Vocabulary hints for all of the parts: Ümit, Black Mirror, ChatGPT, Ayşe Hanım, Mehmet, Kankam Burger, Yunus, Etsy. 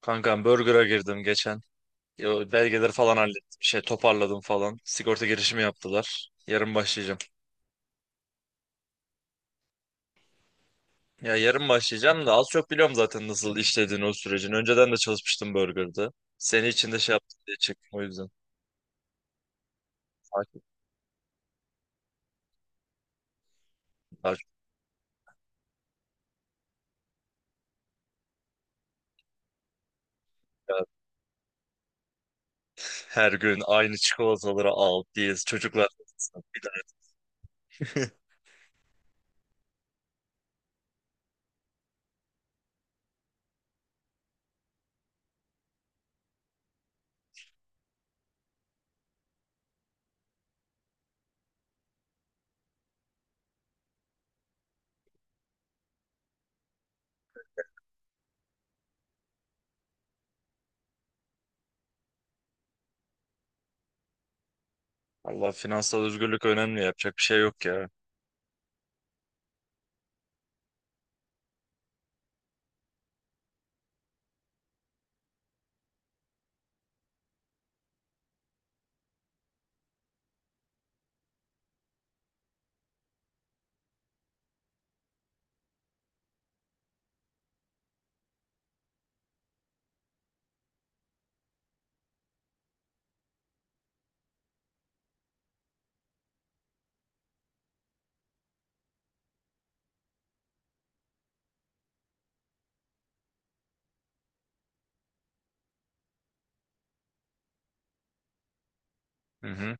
Kankam Burger'a girdim geçen. Yo, belgeleri falan hallettim. Şey toparladım falan. Sigorta girişimi yaptılar. Yarın başlayacağım. Ya yarın başlayacağım da az çok biliyorum zaten nasıl işlediğini o sürecin. Önceden de çalışmıştım Burger'da. Seni için de şey yaptım diye çektim o yüzden. Takip- takip et. Her gün aynı çikolataları al diye çocuklar. Bir tane. Allah finansal özgürlük önemli yapacak bir şey yok ya. Hı hı.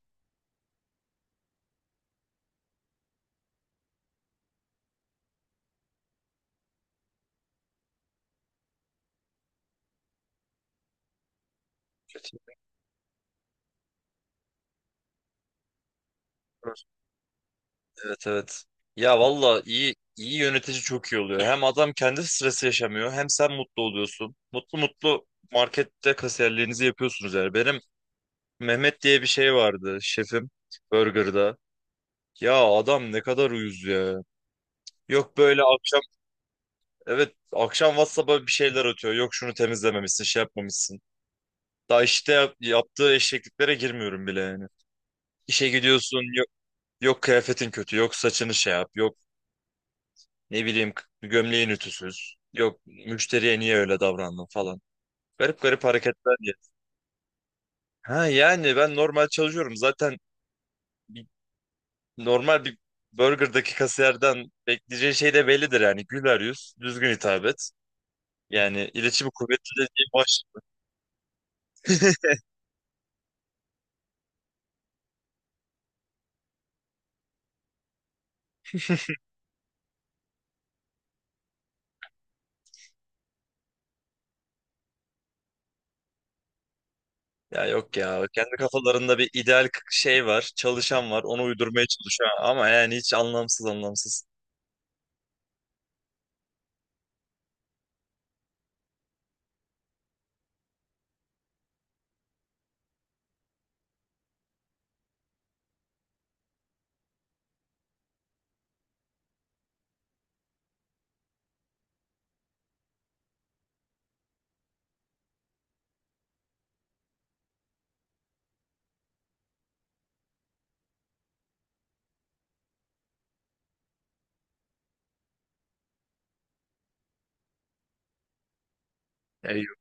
Kötü. Evet evet. Ya valla iyi iyi yönetici çok iyi oluyor. Hem adam kendi stresi yaşamıyor hem sen mutlu oluyorsun. Mutlu mutlu markette kasiyerliğinizi yapıyorsunuz yani. Benim Mehmet diye bir şey vardı şefim Burger'da. Ya adam ne kadar uyuz ya. Yok böyle akşam evet akşam WhatsApp'a bir şeyler atıyor. Yok şunu temizlememişsin şey yapmamışsın. Daha işte yaptığı eşekliklere girmiyorum bile yani. İşe gidiyorsun yok, yok kıyafetin kötü yok saçını şey yap. Yok, ne bileyim, gömleğin ütüsüz. Yok müşteriye niye öyle davrandın falan. Garip garip hareketler diye. Ha yani ben normal çalışıyorum. Zaten bir- normal bir burgerdaki kasiyerden bekleyeceğin şey de bellidir yani. Güler yüz, düzgün hitap et. Yani iletişimi kuvvetli dediği baş. Ya yok ya kendi kafalarında bir ideal şey var. Çalışan var. Onu uydurmaya çalışıyor ama yani hiç anlamsız anlamsız. Ya yok,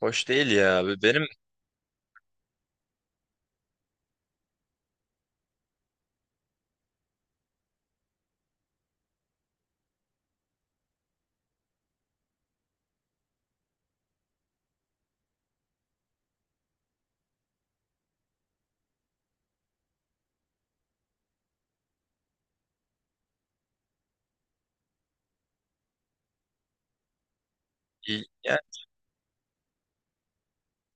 hoş değil ya. Benim yani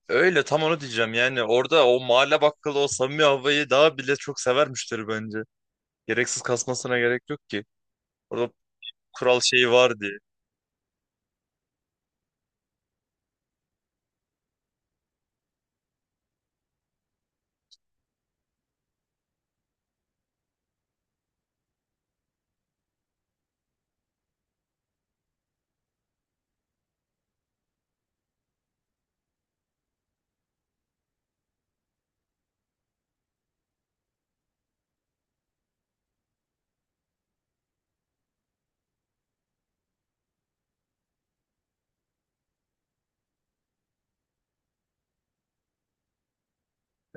öyle tam onu diyeceğim yani orada o mahalle bakkalı o samimi havayı daha bile çok sever müşteri bence. Gereksiz kasmasına gerek yok ki. Orada kural şeyi var diye.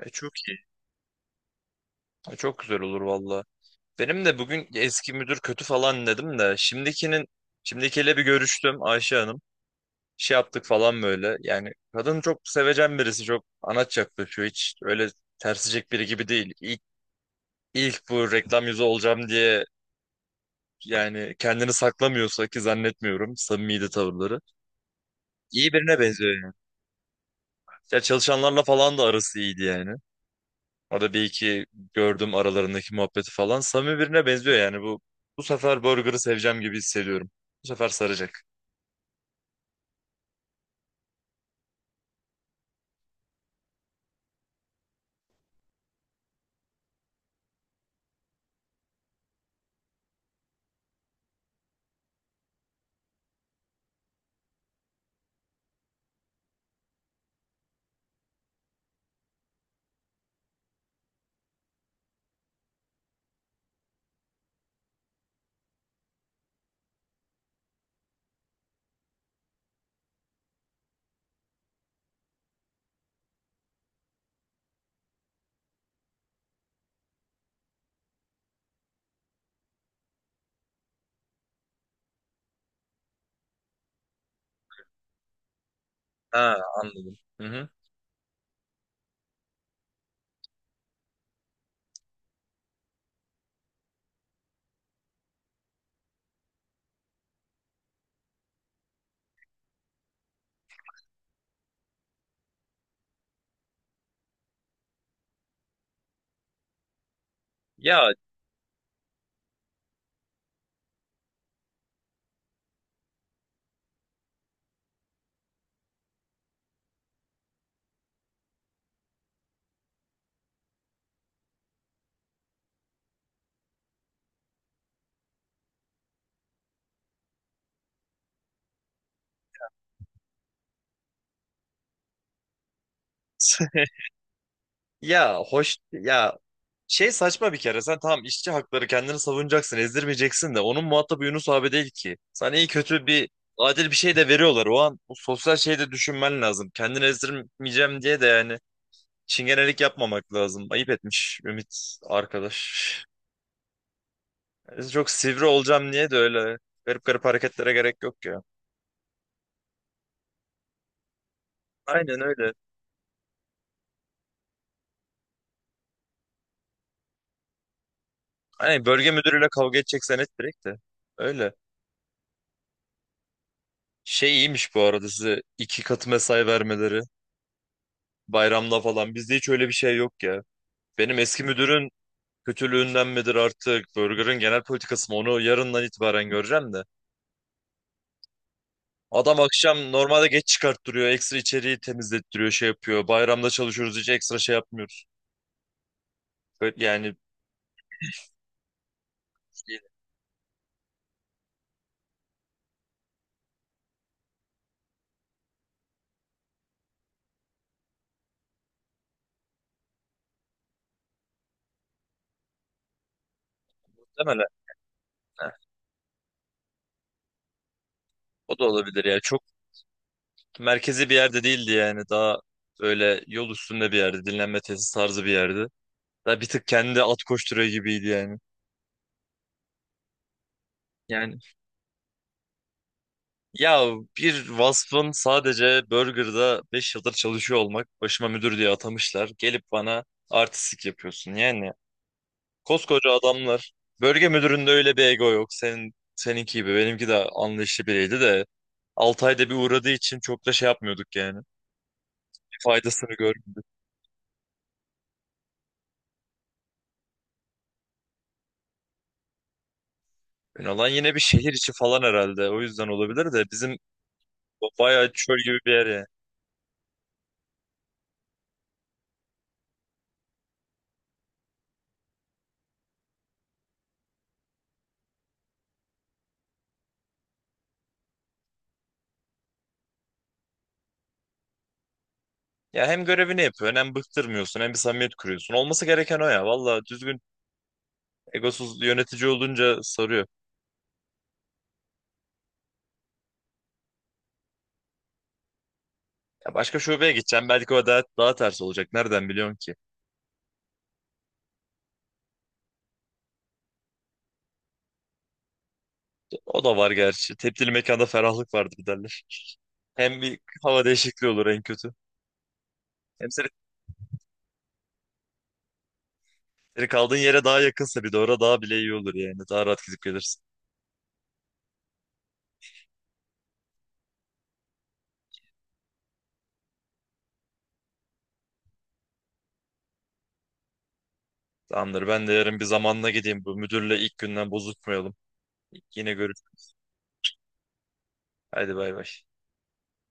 E, çok iyi. E, çok güzel olur valla. Benim de bugün eski müdür kötü falan dedim de şimdikiyle bir görüştüm Ayşe Hanım. Şey yaptık falan böyle. Yani kadın çok sevecen birisi çok anaç yaklaşıyor. Hiç öyle tersicek biri gibi değil. İlk bu reklam yüzü olacağım diye yani kendini saklamıyorsa ki zannetmiyorum samimiydi tavırları. İyi birine benziyor yani. Ya çalışanlarla falan da arası iyiydi yani. Orada bir iki gördüm aralarındaki muhabbeti falan. Samimi birine benziyor yani bu. Bu sefer Burger'ı seveceğim gibi hissediyorum. Bu sefer saracak. Ha, anladım. Hı hı. Ya ya hoş ya şey saçma bir kere, sen tamam işçi hakları kendini savunacaksın ezdirmeyeceksin de onun muhatabı Yunus abi değil ki. Sana iyi kötü bir adil bir şey de veriyorlar o an, bu sosyal şeyi de düşünmen lazım. Kendini ezdirmeyeceğim diye de yani çingenelik yapmamak lazım. Ayıp etmiş Ümit arkadaş. Biz çok sivri olacağım niye de öyle. Garip garip hareketlere gerek yok ya. Aynen öyle. Aynen, bölge müdürüyle kavga edeceksen et direkt de. Öyle. Şey iyiymiş bu arada size iki katı mesai vermeleri. Bayramda falan. Bizde hiç öyle bir şey yok ya. Benim eski müdürün kötülüğünden midir artık? Burger'ın genel politikası mı? Onu yarından itibaren göreceğim de. Adam akşam normalde geç çıkarttırıyor. Ekstra içeriği temizlettiriyor, şey yapıyor. Bayramda çalışıyoruz hiç ekstra şey yapmıyor. Böyle yani şey, muhtemelen, ha, o da olabilir ya. Çok merkezi bir yerde değildi yani. Daha böyle yol üstünde bir yerde. Dinlenme tesis tarzı bir yerde. Daha bir tık kendi at koşturuyor gibiydi yani. Yani ya bir vasfın sadece burgerda 5 yıldır çalışıyor olmak, başıma müdür diye atamışlar. Gelip bana artistik yapıyorsun. Yani koskoca adamlar, bölge müdüründe öyle bir ego yok. Senin seninki gibi benimki de anlayışlı biriydi de 6 ayda bir uğradığı için çok da şey yapmıyorduk yani. Faydasını görmedim. Yani olan yine bir şehir içi falan herhalde. O yüzden olabilir de, bizim bayağı çöl gibi bir yer ya. Ya hem görevini yapıyorsun hem bıktırmıyorsun hem bir samimiyet kuruyorsun. Olması gereken o ya. Valla düzgün egosuz yönetici olunca sarıyor. Ya başka şubeye gideceğim. Belki o daha ters olacak. Nereden biliyorsun ki? O da var gerçi. Tebdili mekanda ferahlık vardır derler. Hem bir hava değişikliği olur en kötü. Hem senin kaldığın yere daha yakınsa bir de orada daha bile iyi olur yani. Daha rahat gidip gelirsin. Tamamdır. Ben de yarın bir zamanla gideyim. Bu müdürle ilk günden bozuşmayalım. Yine görüşürüz. Hadi bay bay.